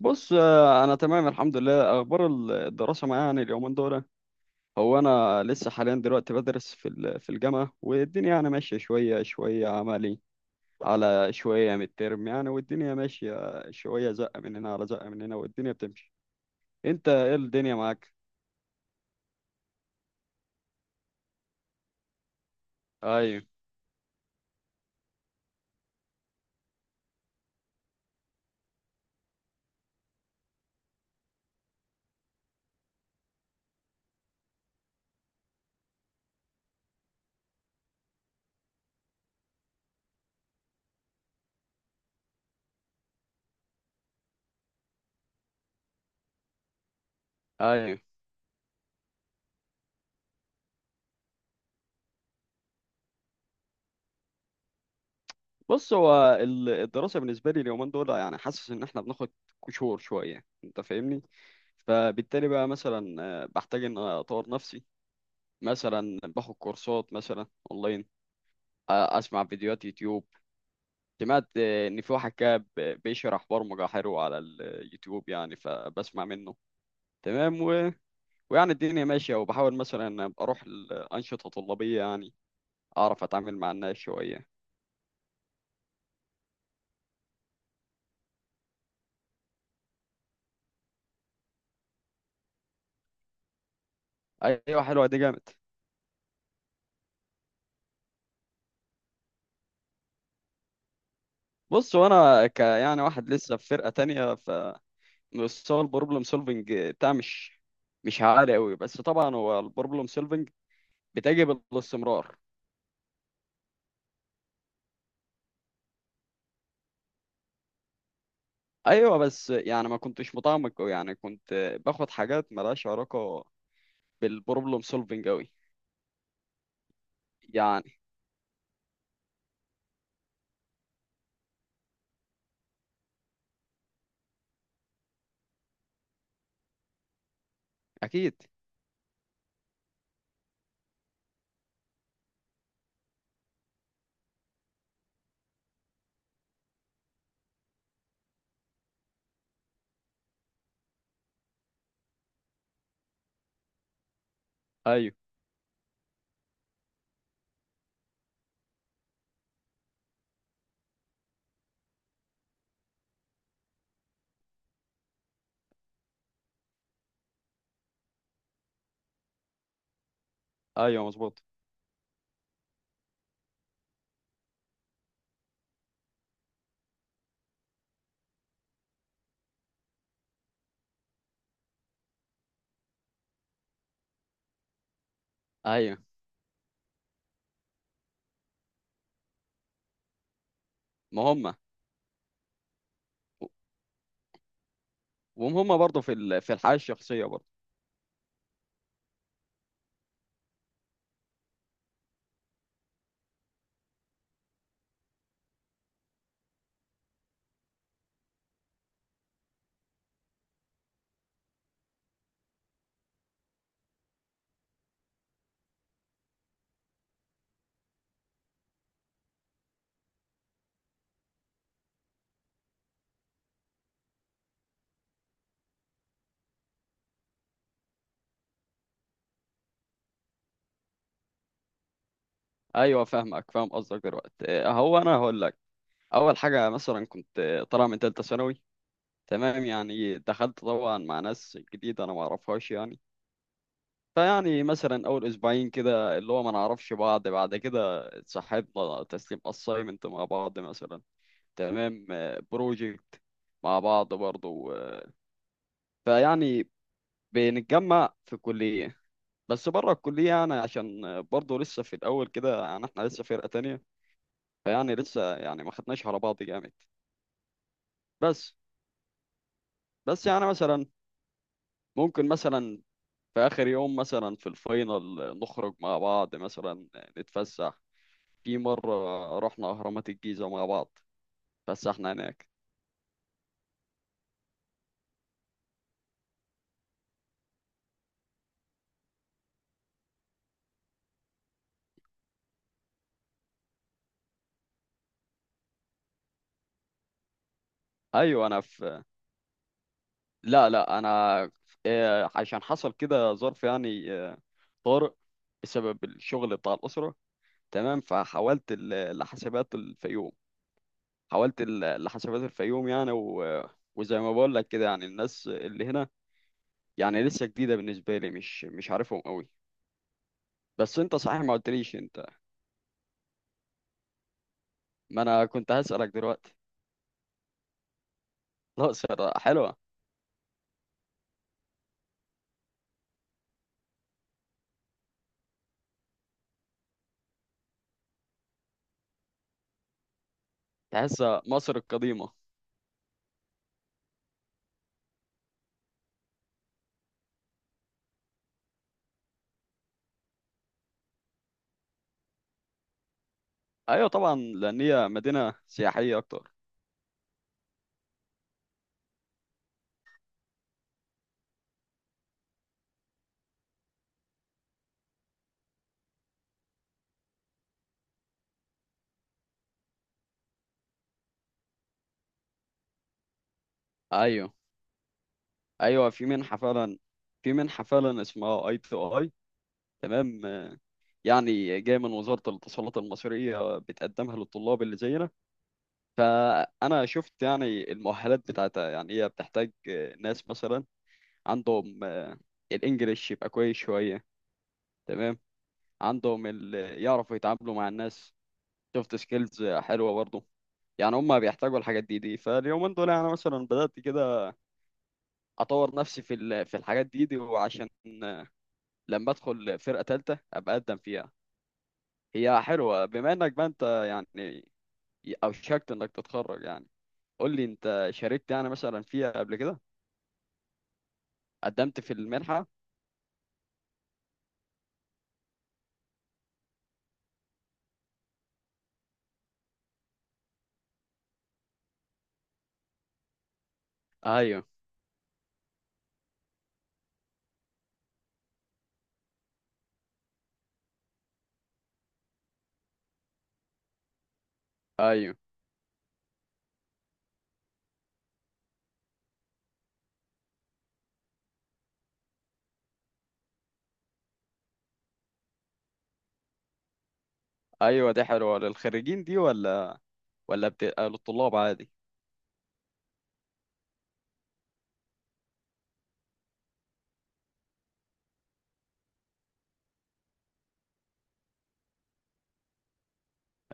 بص، انا تمام الحمد لله. اخبار الدراسه معايا يعني اليومين دول. هو انا لسه حاليا دلوقتي بدرس في الجامعه، والدنيا يعني ماشيه شويه شويه عملي على شويه من الترم يعني، والدنيا ماشيه شويه، زقه من هنا على زقه من هنا، والدنيا بتمشي. انت ايه الدنيا معاك؟ ايوه، ايوه. بص، هو الدراسه بالنسبه لي اليومين دول يعني حاسس ان احنا بناخد كشور شويه، انت فاهمني؟ فبالتالي بقى مثلا بحتاج ان أنا اطور نفسي. مثلا باخد كورسات مثلا اونلاين، اسمع فيديوهات يوتيوب. سمعت ان في واحد كده بيشرح برمجة حلو على اليوتيوب يعني، فبسمع منه. تمام، ويعني الدنيا ماشية، وبحاول مثلا أبقى اروح الأنشطة الطلابية يعني، اعرف اتعامل مع الناس شوية. ايوه حلوة دي جامد. بص، وانا يعني واحد لسه في فرقة تانية، ف مستوى البروبلم سولفنج بتاع مش عالي قوي، بس طبعا هو البروبلم سولفنج بتجب الاستمرار. ايوه بس يعني ما كنتش متعمق قوي يعني، كنت باخد حاجات ملهاش علاقه بالبروبلم سولفنج قوي. يعني اكيد. ايوه، ايوه، مظبوط. ايوه. ما هم وهم برضه في الحياه الشخصيه برضه. ايوه فاهمك، فاهم قصدك دلوقتي. هو انا هقول لك اول حاجه، مثلا كنت طالع من ثالثه ثانوي، تمام، يعني دخلت طبعا مع ناس جديده انا ما اعرفهاش يعني، فيعني مثلا اول اسبوعين كده اللي هو ما نعرفش بعض، بعد كده اتصاحبنا تسليم اسايمنت مع بعض مثلا. تمام. بروجكت مع بعض برضو، فيعني بنتجمع في الكلية. بس بره الكلية يعني عشان برضو لسه في الأول كده، يعني احنا لسه فرقة تانية، فيعني لسه يعني ما خدناش على بعض جامد. بس، بس يعني مثلا ممكن مثلا في آخر يوم مثلا في الفاينل نخرج مع بعض مثلا، نتفسح. في مرة رحنا أهرامات الجيزة مع بعض، فسحنا هناك. أيوة. أنا في لا، لا، انا، عشان حصل كده ظرف يعني، طارئ، بسبب الشغل بتاع الاسره. تمام، فحولت ال- لحسابات الفيوم حولت لحسابات الفيوم يعني، وزي ما بقول لك كده يعني الناس اللي هنا يعني لسه جديده بالنسبه لي، مش عارفهم قوي. بس انت صحيح ما قلتليش انت، ما انا كنت هسالك دلوقتي. الاقصر حلوه. تحسها مصر القديمه. ايوه طبعا لان هي مدينه سياحيه اكتر. ايوه. ايوه، في منحه فعلا. اسمها ITI. تمام. يعني جايه من وزاره الاتصالات المصريه، بتقدمها للطلاب اللي زينا. فانا شفت يعني المؤهلات بتاعتها، يعني هي بتحتاج ناس مثلا عندهم الانجليش يبقى كويس شويه، تمام، عندهم يعرفوا يتعاملوا مع الناس، سوفت سكيلز حلوه برضه. يعني هم بيحتاجوا الحاجات دي فاليومين دول، يعني مثلا بدات كده اطور نفسي في الحاجات دي، وعشان لما ادخل فرقه ثالثه ابقى اقدم فيها. هي حلوه بما انك بقى انت يعني اوشكت انك تتخرج يعني. قول لي انت شاركت يعني مثلا فيها قبل كده؟ قدمت في المنحه؟ ايوه، ايوه، ايوه. دي حلوه للخريجين، دي ولا بتبقى للطلاب عادي؟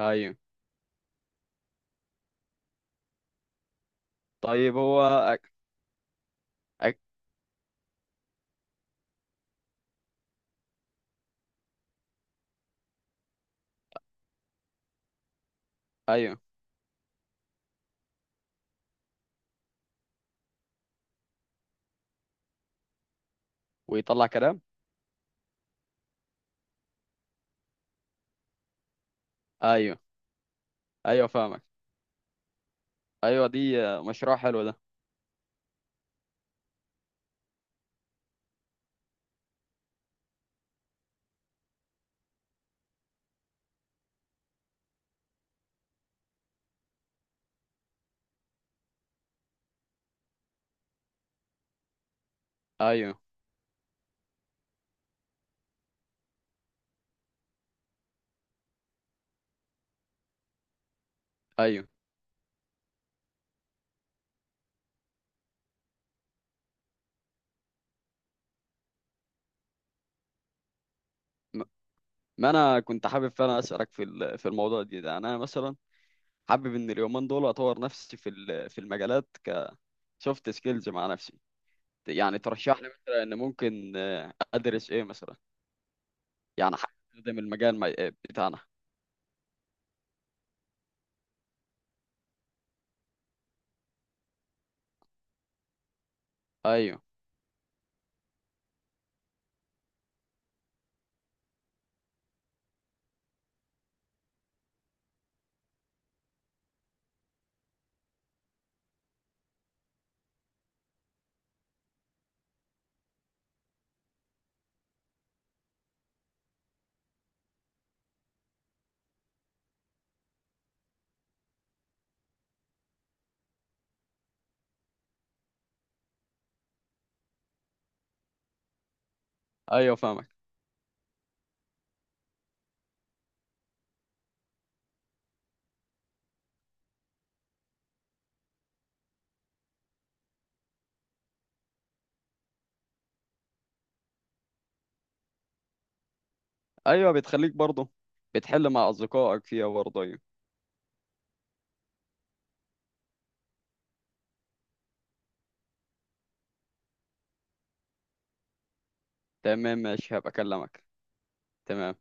ايوه. طيب هو أك... ايوه. ويطلع كلام. ايوه، ايوه فاهمك. ايوه دي. مشروع حلو ده. ايوه، ايوه. م- ما انا كنت حابب فعلا اسالك في الموضوع ده، يعني انا مثلا حابب ان اليومين دول اطور نفسي في المجالات كسوفت سكيلز مع نفسي. يعني ترشح لي مثلا ان ممكن ادرس ايه مثلا؟ يعني حاجه تخدم المجال بتاعنا. ايوه، ايوه فاهمك. ايوه بتخليك برضه بتحل مع اصدقائك فيها برضه. ايوه تمام ماشي، هبقى اكلمك. تمام.